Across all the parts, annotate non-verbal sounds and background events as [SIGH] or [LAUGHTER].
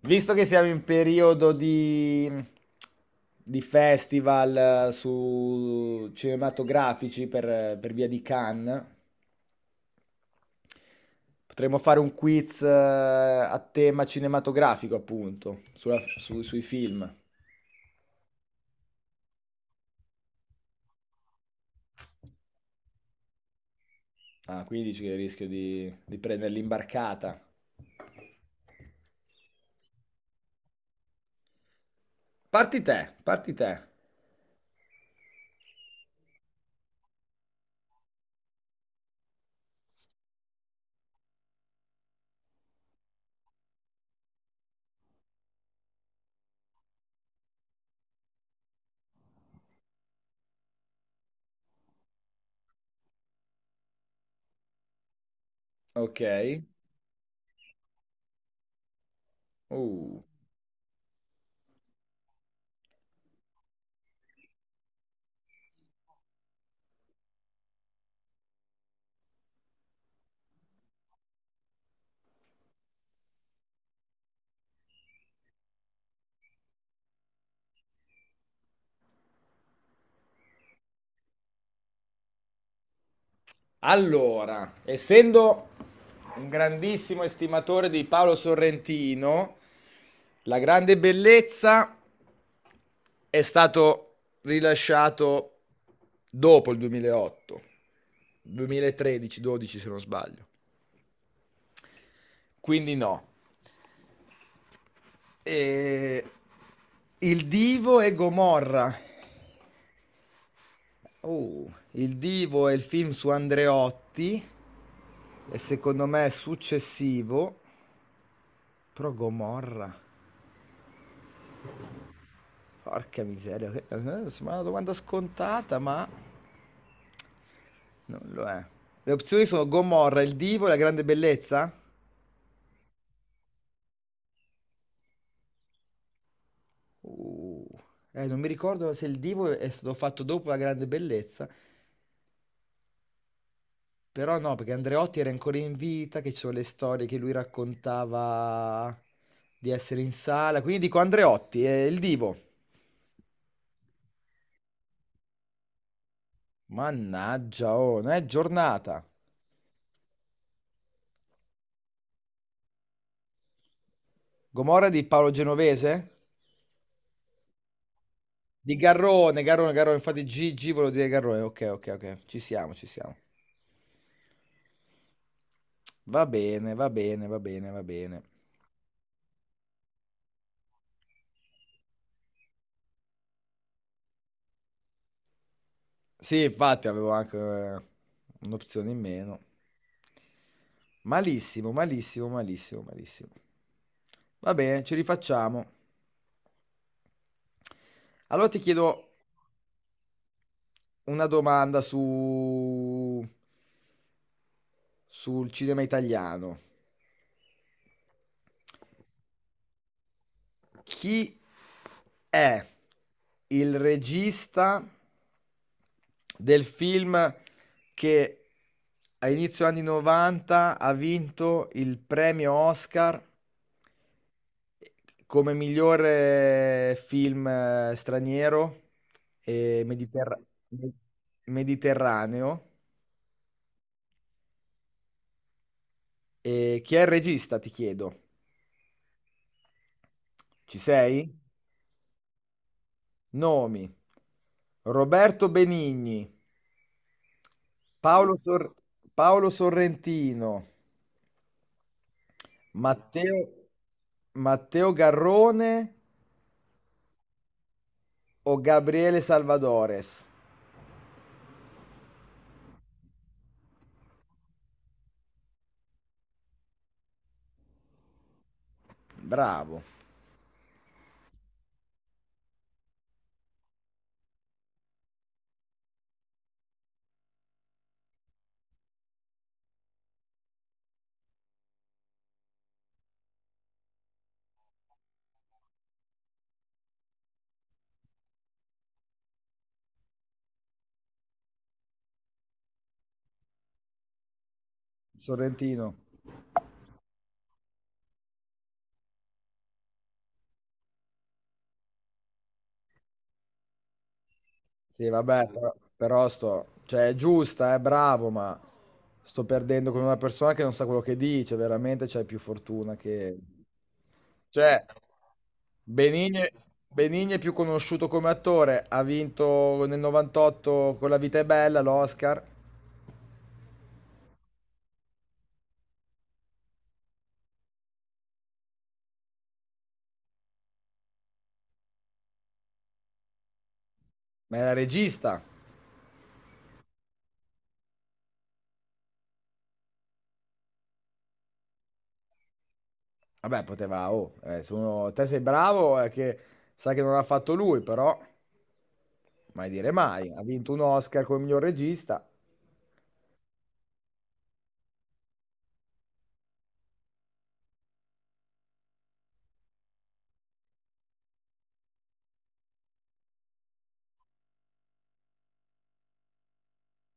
Visto che siamo in periodo di festival su cinematografici per via di Cannes, potremmo fare un quiz a tema cinematografico, appunto, sui film. Ah, quindi dici che rischio di prendere l'imbarcata. Parti te, parti te. Ok. Uh. Allora, essendo un grandissimo estimatore di Paolo Sorrentino, La grande bellezza è stato rilasciato dopo il 2008, 2013-12 se non sbaglio. Quindi no. E... Il Divo e Gomorra. Oh, il Divo è il film su Andreotti e secondo me è successivo, però Gomorra. Porca miseria, sembra una domanda scontata, ma non lo è. Le opzioni sono Gomorra, il divo e la grande bellezza? Uh, Non mi ricordo se il divo è stato fatto dopo la grande bellezza, però no, perché Andreotti era ancora in vita, che ci sono le storie che lui raccontava di essere in sala, quindi dico Andreotti, è il divo. Mannaggia, oh, non è giornata. Gomorra di Paolo Genovese? Di Garrone, Garrone, Garrone, infatti Gigi volevo dire Garrone, ok, ok, ok, ci siamo, ci siamo. Va bene, va bene, va bene, va bene. Sì, infatti avevo anche un'opzione in meno. Malissimo, malissimo, malissimo, malissimo. Va bene, ci rifacciamo. Allora ti chiedo una domanda sul cinema italiano. Chi è il regista del film che a inizio anni 90 ha vinto il premio Oscar come migliore film straniero e me- mediterraneo? E chi è il regista, ti chiedo? Ci sei? Nomi. Roberto Benigni, Paolo, Sor- Paolo Sorrentino, Matteo, Matteo Garrone o Gabriele Salvadores? Bravo. Sorrentino. Sì, vabbè, però cioè, è giusta, è bravo, ma sto perdendo con una persona che non sa quello che dice. Veramente c'hai più fortuna cioè, Benigni, Benigni è più conosciuto come attore. Ha vinto nel 98 con La vita è bella l'Oscar, ma era regista. Vabbè, poteva, oh, se uno, te sei bravo, è che sa che non l'ha fatto lui, però mai dire mai. Ha vinto un Oscar come miglior regista.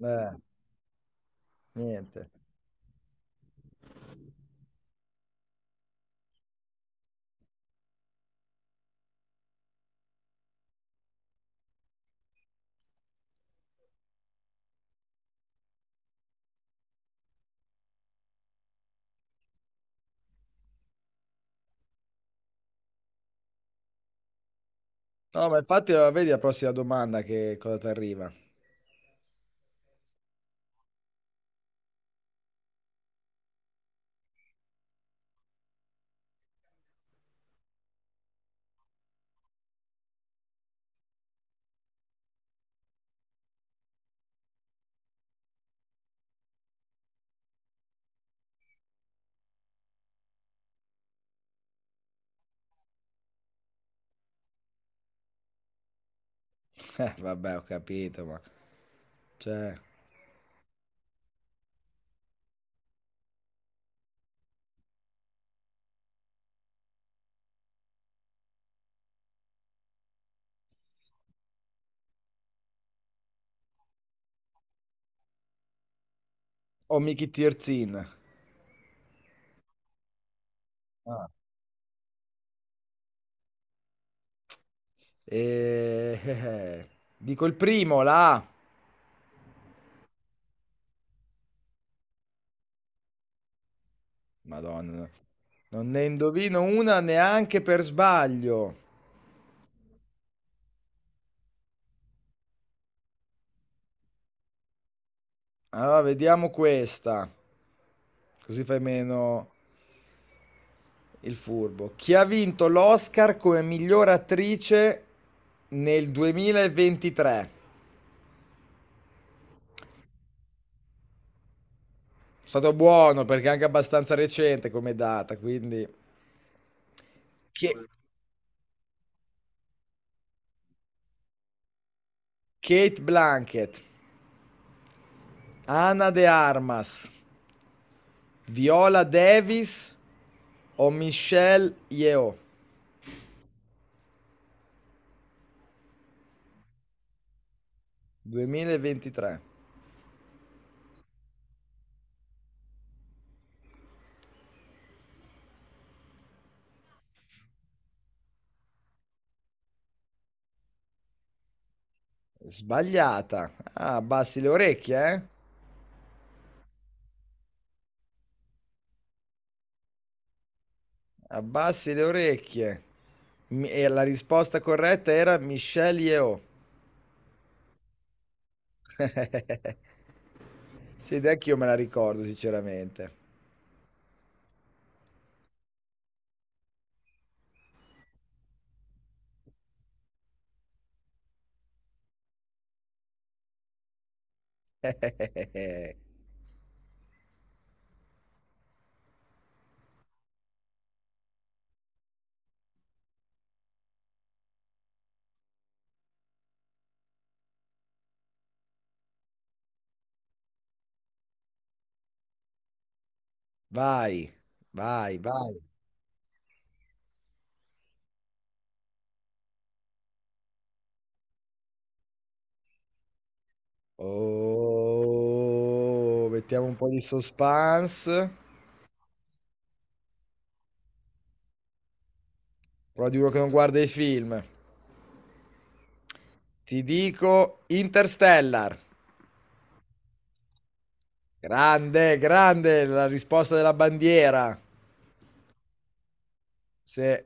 Eh, niente. No, ma infatti, vedi la prossima domanda che cosa ti arriva. [LAUGHS] Vabbè, ho capito, cioè. Oh, Mickey Tirzin. Ah. Eh, eh, eh, Dico il primo, la A. Madonna. No. Non ne indovino una neanche per sbaglio. Allora, vediamo questa. Così fai meno il furbo. Chi ha vinto l'Oscar come miglior attrice nel 2023? È stato buono perché è anche abbastanza recente come data, quindi Che- Kate Blanket, Ana de Armas, Viola Davis o Michelle Yeoh 2023. Sbagliata. Ah, abbassi le orecchie, eh? Abbassi le orecchie. E la risposta corretta era Michelle Yeoh. [LAUGHS] Sì, ed anch'io me la ricordo sinceramente. [LAUGHS] Vai, vai, vai. Oh, mettiamo un po' di suspense. Però di uno che non guarda i film. Ti dico Interstellar. Grande, grande la risposta della bandiera. Sì.